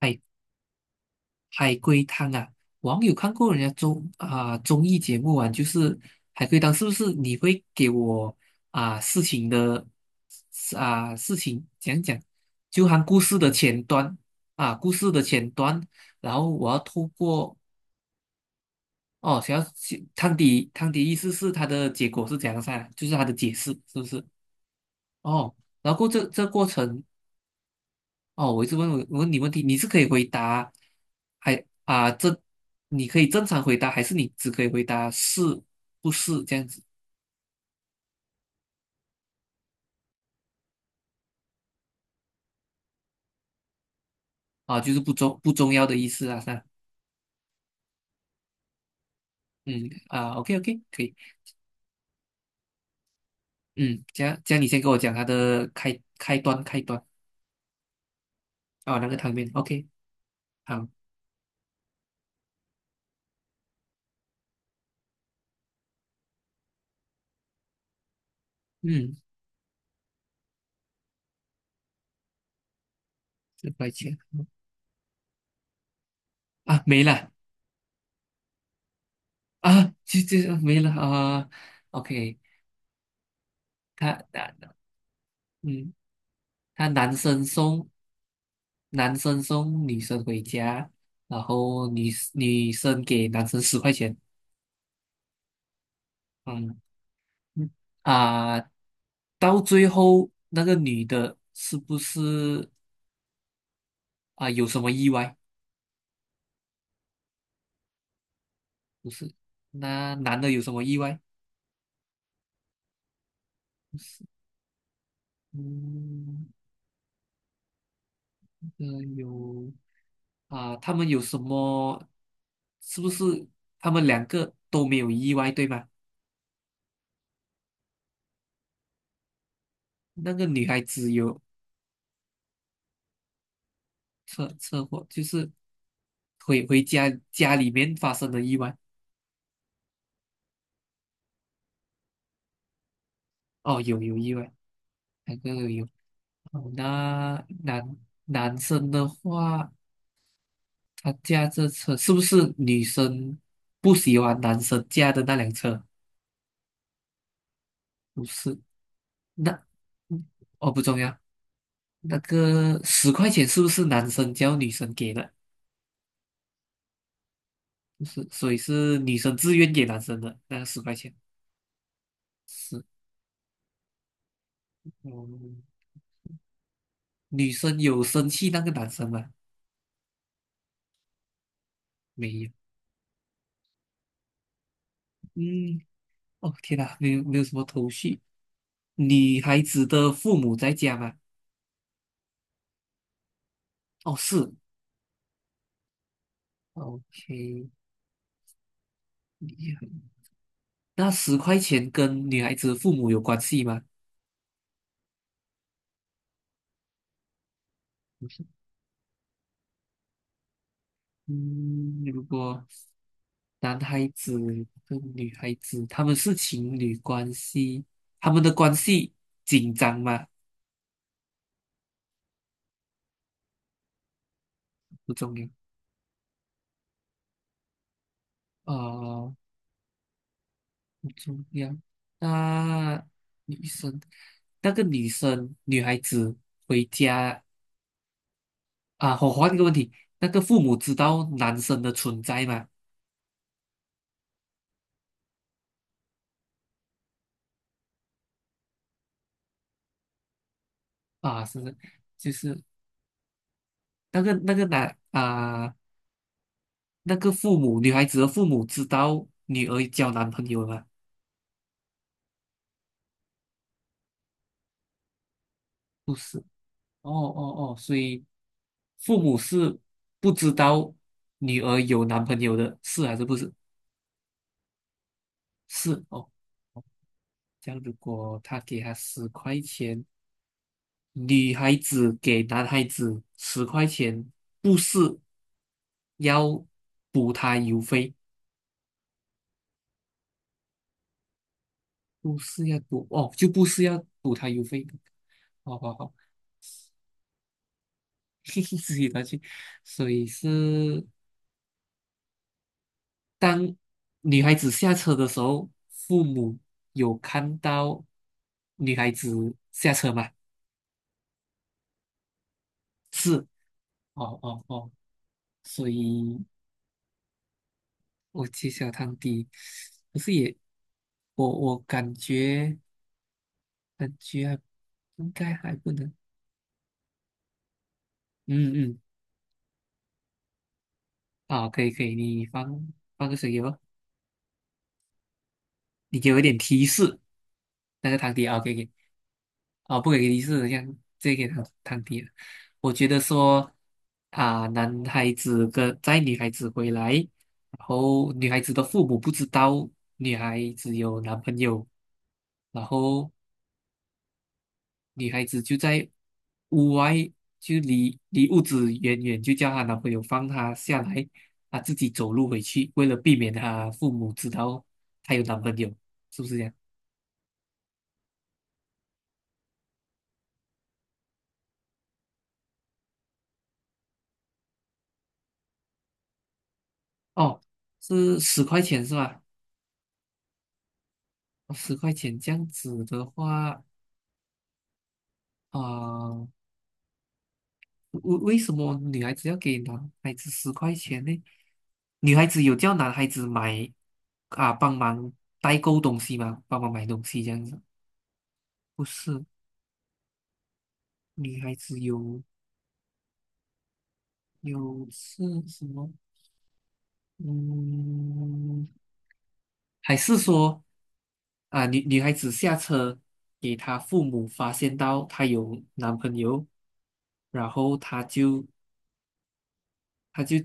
海海龟汤啊，网友看过人家综艺节目啊，就是海龟汤。是不是你会给我啊、事情的事情讲讲，就含故事的前端啊，故事的前端，然后我要透过哦，想要去汤底意思是它的结果是怎样噻，就是它的解释，是不是？哦。然后过这过程，哦，我一直问我我问你问题，你是可以回答，还啊正，你可以正常回答，还是你只可以回答是不是这样子啊？就是不重要的意思啊，是吧？嗯啊，OK OK，可以。嗯，这样你先跟我讲他的开开端开端。啊，那个汤面，OK，好。嗯，4块钱？啊，没了？啊，这没了啊，OK。他男嗯，他男生送。男生送女生回家，然后女生给男生十块钱。嗯嗯。啊，到最后那个女的是不是啊有什么意外？不是。那男的有什么意外？不是。嗯，呃有啊，他们有什么？是不是他们两个都没有意外，对吗？那个女孩子有车祸，就是回家里面发生的意外。哦，有意外，那个有。哦，那男生的话，他驾这车是不是女生不喜欢男生驾的那辆车？不是。那嗯哦，不重要。那个十块钱是不是男生叫女生给的？不是。所以是女生自愿给男生的那个十块钱。是。嗯，女生有生气那个男生吗？没有。嗯，哦天哪，没有什么头绪。女孩子的父母在家吗？哦，是。OK，厉害。那十块钱跟女孩子父母有关系吗？嗯，如果男孩子跟女孩子他们是情侣关系，他们的关系紧张吗？不重要。呃，不重要。那女生，那个女生，女孩子回家。啊，我换一个问题，那个父母知道男生的存在吗？啊，是，就是那个男啊。那个父母，女孩子的父母知道女儿交男朋友了吗？不是。哦哦哦，所以父母是不知道女儿有男朋友的，是还是不是？是哦。这样如果他给她十块钱，女孩子给男孩子十块钱，不是要补他邮费？不是要补哦，就不是要补他邮费。好好好，自己拿去，所以是。当女孩子下车的时候，父母有看到女孩子下车吗？是。哦哦哦。所以我揭晓汤底，可是也，我感觉还应该还不能。嗯嗯，好，可以可以，你放个水给我。你给我一点提示。那个汤底啊，OK OK。啊，不可以给提示，这样这个汤底了。我觉得说啊，男孩子跟载女孩子回来，然后女孩子的父母不知道女孩子有男朋友，然后女孩子就在屋外，就离屋子远远，就叫她男朋友放她下来，她自己走路回去，为了避免她父母知道她有男朋友，是不是这样？哦，是十块钱是吧？哦，十块钱这样子的话，啊、为什么女孩子要给男孩子十块钱呢？女孩子有叫男孩子帮忙代购东西吗？帮忙买东西这样子？不是。女孩子有是什么？嗯，还是说啊，女孩子下车给她父母发现到她有男朋友，然后她就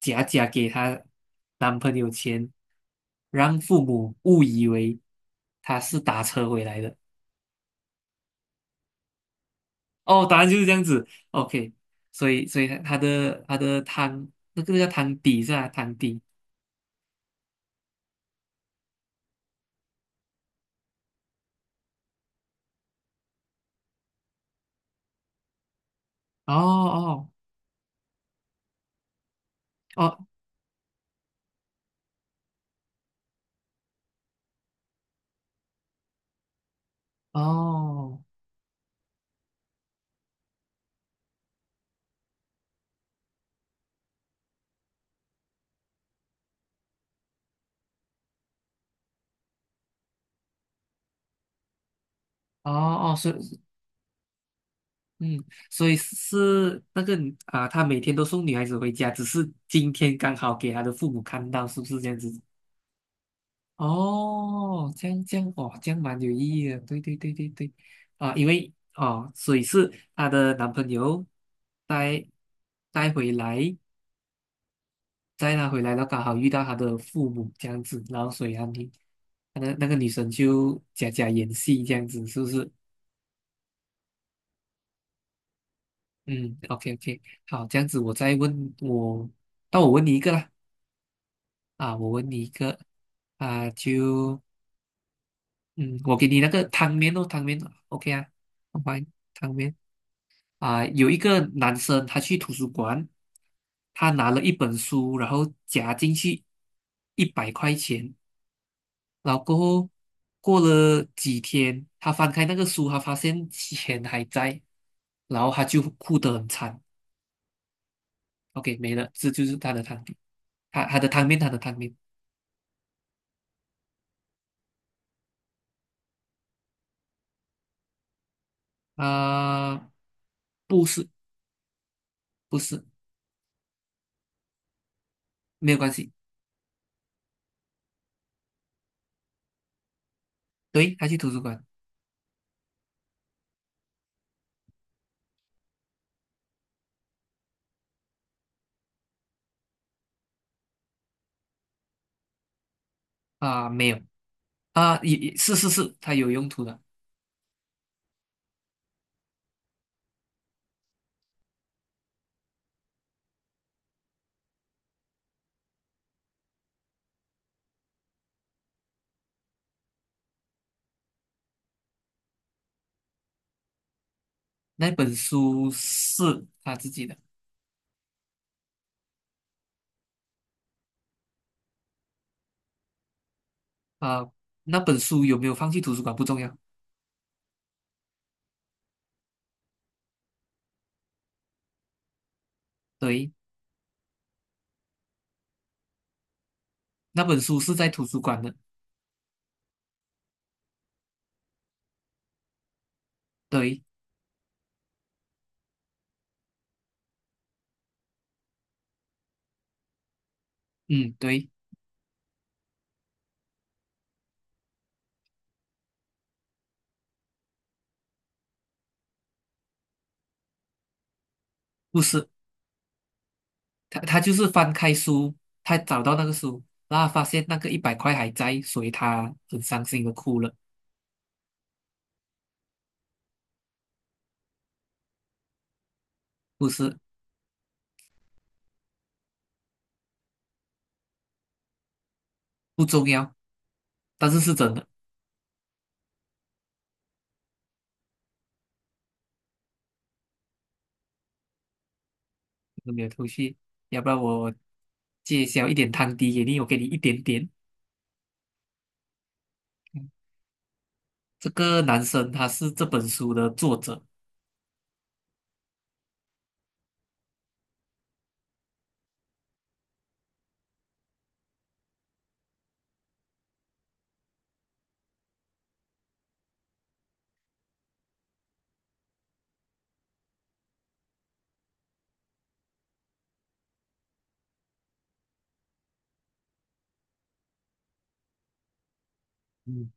假假给她男朋友钱，让父母误以为她是打车回来的。哦，答案就是这样子。OK，所以她的汤那个叫汤底是吧？汤底。哦哦哦哦哦哦，所以嗯，所以是那个啊，他每天都送女孩子回家，只是今天刚好给他的父母看到，是不是这样子？哦，这样哦，这样蛮有意义的。对对对对对。啊，因为哦，所以是她的男朋友带带回来，带她回来，然后刚好遇到她的父母这样子，然后所以她女，那个女生就假假演戏这样子，是不是？嗯，OK OK。好，这样子我再问我。那我问你一个啦。啊，我问你一个啊，我给你那个汤面哦，汤面，OK 啊，好吧，汤面啊，有一个男生他去图书馆，他拿了一本书，然后夹进去100块钱，然后过后过了几天，他翻开那个书，他发现钱还在，然后他就哭得很惨。OK，没了，这就是他的汤底，他的汤面，他的汤面啊，不是不是，没有关系。对，他去图书馆。啊、没有。啊，也是是是，他有用途的。那本书是他自己的。啊、那本书有没有放去图书馆不重要。对，那本书是在图书馆的。对，嗯，对，不是。他就是翻开书，他找到那个书，然后发现那个一百块还在，所以他很伤心的哭了。不是，不重要，但是是真的，没有头绪。要不然我揭晓一点汤底给你，我给你一点点。这个男生他是这本书的作者。嗯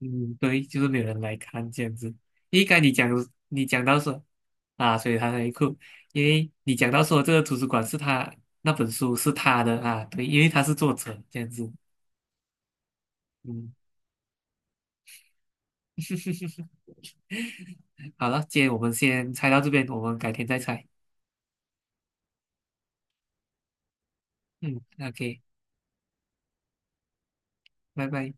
嗯对，就是没有人来看这样子。应该你讲到说啊，所以他才哭。因为你讲到说这个图书馆是他那本书是他的啊，对，因为他是作者这样子。嗯，好了，今天我们先猜到这边，我们改天再猜。嗯，OK，拜拜。